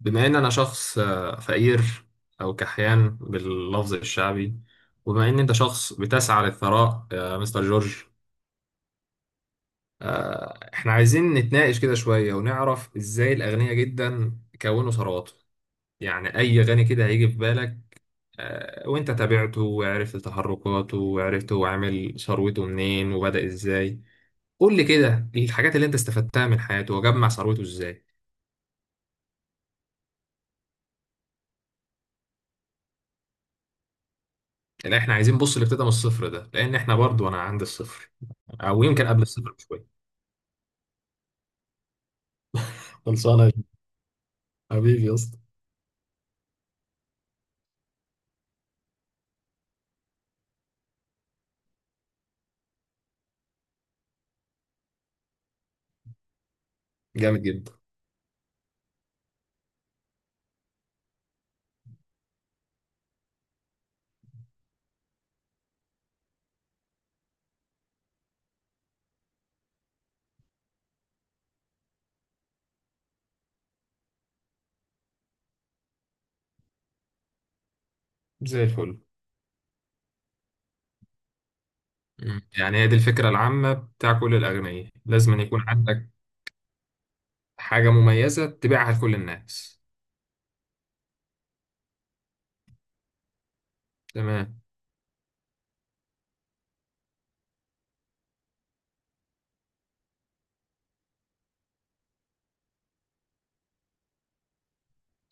بما ان انا شخص فقير او كحيان باللفظ الشعبي. وبما ان انت شخص بتسعى للثراء يا مستر جورج، احنا عايزين نتناقش كده شوية ونعرف ازاي الاغنياء جدا كونوا ثرواتهم. يعني اي غني كده هيجي في بالك، وانت تابعته وعرفت تحركاته وعرفت هو عامل ثروته منين وبدأ ازاي، قول لي كده الحاجات اللي انت استفدتها من حياته وجمع ثروته ازاي. لا، احنا عايزين بص، اللي ابتدى من الصفر ده، لان احنا برضو انا عند الصفر او يمكن قبل الصفر بشويه. خلصانه يا حبيبي يا اسطى. جامد جدا. زي الفل. مم. يعني هي دي الفكره العامه بتاع كل الاغنياء، لازم أن يكون عندك حاجه مميزه تبيعها لكل الناس. تمام.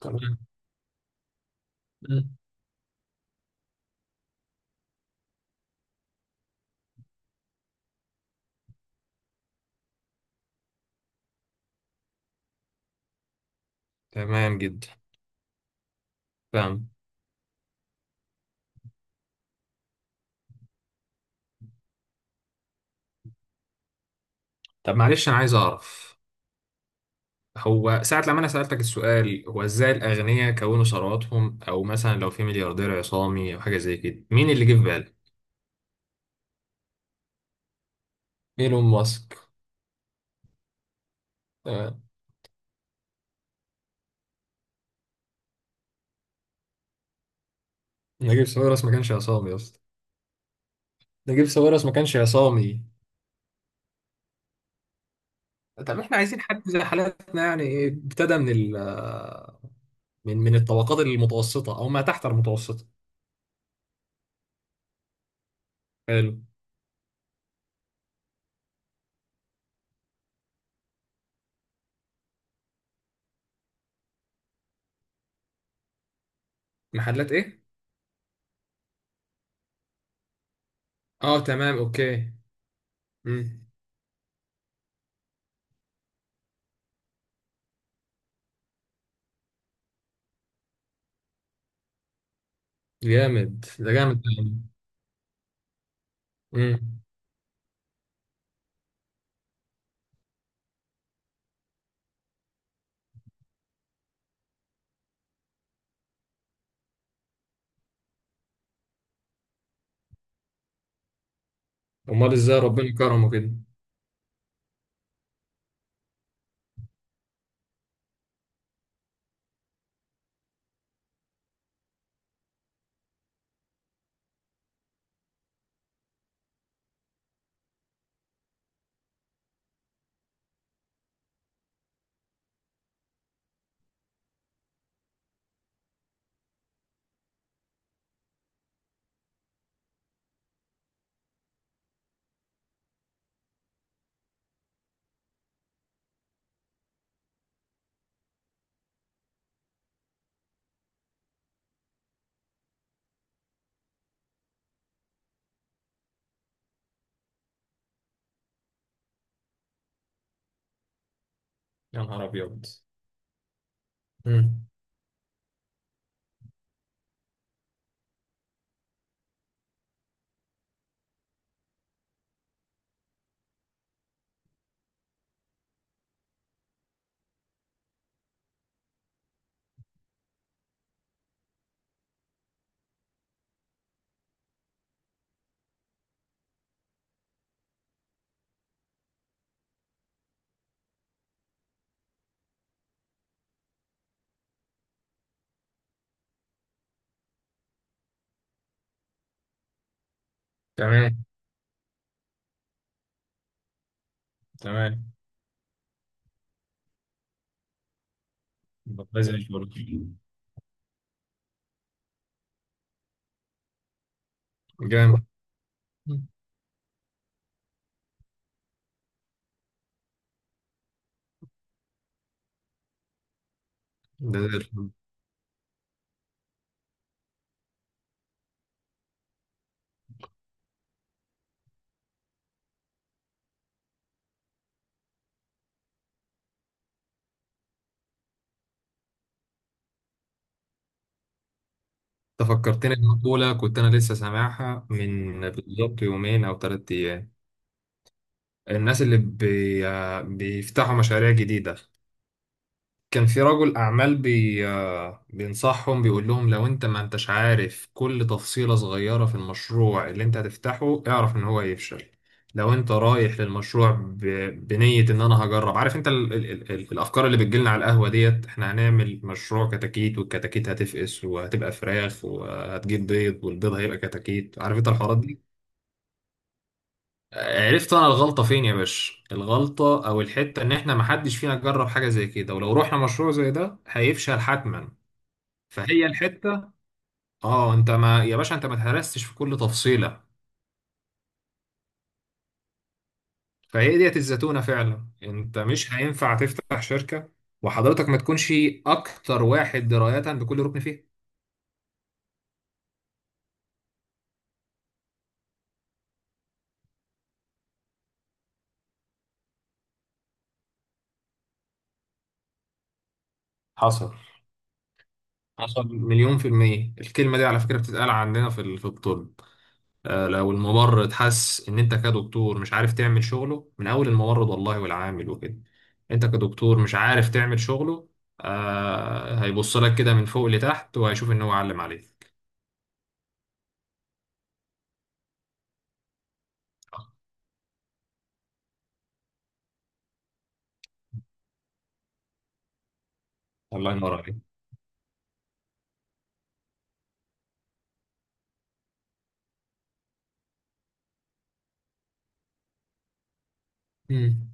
تمام. مم. تمام جدا. فاهم. طب معلش انا عايز اعرف، هو ساعة لما انا سألتك السؤال هو ازاي الاغنياء كونوا ثرواتهم، او مثلا لو في ملياردير عصامي او حاجة زي كده، مين اللي جه في بالك؟ ايلون ماسك. تمام. نجيب ساويرس ما كانش عصامي يا اسطى. نجيب ساويرس ما كانش عصامي. طب احنا عايزين حد زي حالاتنا، يعني إيه، ابتدى من ال آه، من الطبقات المتوسطة أو ما تحت المتوسطة. حلو. محلات إيه؟ أه تمام، أوكي. مم. جامد، ده جامد يعني. امم. أمال إزاي ربنا كرمه كده. يا نهار أبيض. مم. تمام. تمام. ده زي الفل. جامد. مم. ده زي الفل. انت فكرتني بمقولة كنت أنا لسه سامعها من بالظبط يومين أو 3 أيام. الناس اللي بي... بيفتحوا مشاريع جديدة. كان في رجل أعمال بي آه، بينصحهم، بيقول لهم لو أنت ما أنتش عارف كل تفصيلة صغيرة في المشروع اللي أنت هتفتحه، اعرف إن هو هيفشل. لو أنت رايح للمشروع بنية إن أنا هجرب، عارف أنت الأفكار اللي بتجيلنا على القهوة ديت، إحنا هنعمل مشروع كتاكيت، والكتاكيت هتفقس وهتبقى فراخ وهتجيب بيض، والبيض هيبقى كتاكيت، عارف أنت الحوارات دي. عرفت انا الغلطه فين يا باشا؟ الغلطه او الحته ان احنا محدش فينا جرب حاجه زي كده، ولو رحنا مشروع زي ده هيفشل حتما. فهي الحته. اه، انت ما يا باشا، انت ما تهرستش في كل تفصيله، فهي ديت الزتونه. فعلا انت مش هينفع تفتح شركه وحضرتك ما تكونش اكتر واحد درايه بكل ركن فيها. حصل. حصل مليون في المية. الكلمة دي على فكرة بتتقال عندنا في في الطب. لو الممرض حس ان انت كدكتور مش عارف تعمل شغله، من اول الممرض والله والعامل وكده، انت كدكتور مش عارف تعمل شغله، آه هيبص لك كده من فوق لتحت، وهيشوف ان هو علم عليك. الله ينور عليك. مم.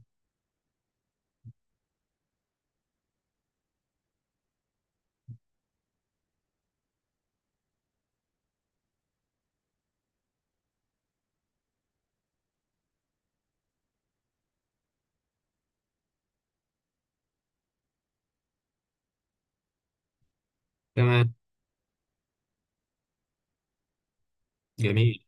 تمام. جميل.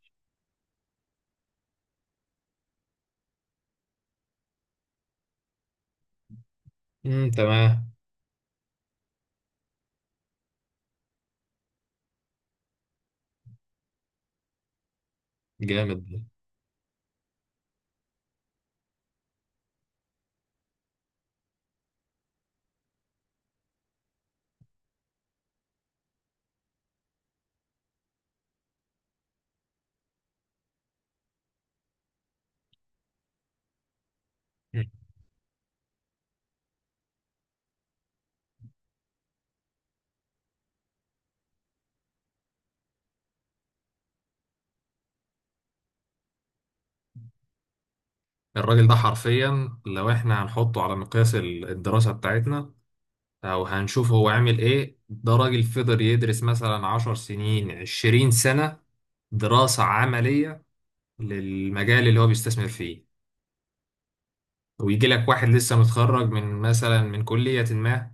مم. تمام. جامد. مم. الراجل ده حرفيا لو احنا هنحطه على مقياس الدراسة بتاعتنا، او هنشوف هو عامل ايه، ده راجل فضل يدرس مثلا 10 سنين، 20 سنة، دراسة عملية للمجال اللي هو بيستثمر فيه. ويجي لك واحد لسه متخرج من مثلا من كلية ما،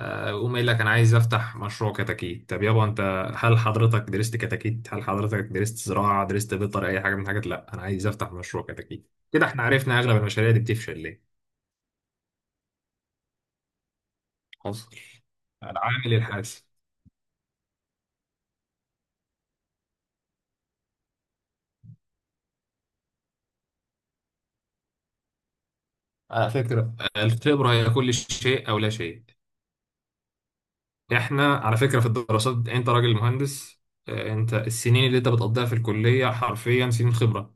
يقوم قايل لك انا عايز افتح مشروع كتاكيت. طب يابا انت، هل حضرتك درست كتاكيت؟ هل حضرتك درست زراعة؟ درست بيطر؟ اي حاجة من الحاجات؟ لا، انا عايز افتح مشروع كتاكيت. كده احنا عرفنا اغلب المشاريع دي بتفشل ليه. حصل. العامل الحاسم. على فكرة الخبرة هي كل شيء أو لا شيء. إحنا على فكرة في الدراسات، أنت راجل مهندس، أنت السنين اللي أنت بتقضيها في الكلية حرفيا سنين خبرة،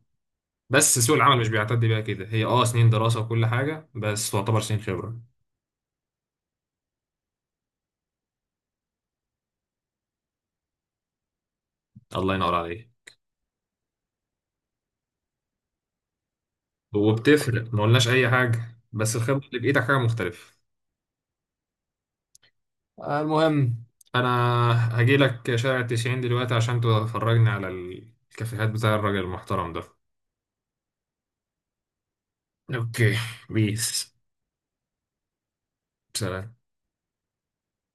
بس سوق العمل مش بيعتد بيها كده، هي سنين دراسة وكل حاجة، بس تعتبر سنين خبرة. الله ينور عليك. وبتفرق، ما قلناش أي حاجة، بس الخبرة اللي بإيدك حاجة مختلفة. المهم، أنا هجيلك شارع التسعين دلوقتي عشان تفرجني على الكافيهات بتاع الراجل المحترم ده. اوكي. بيس. سلام.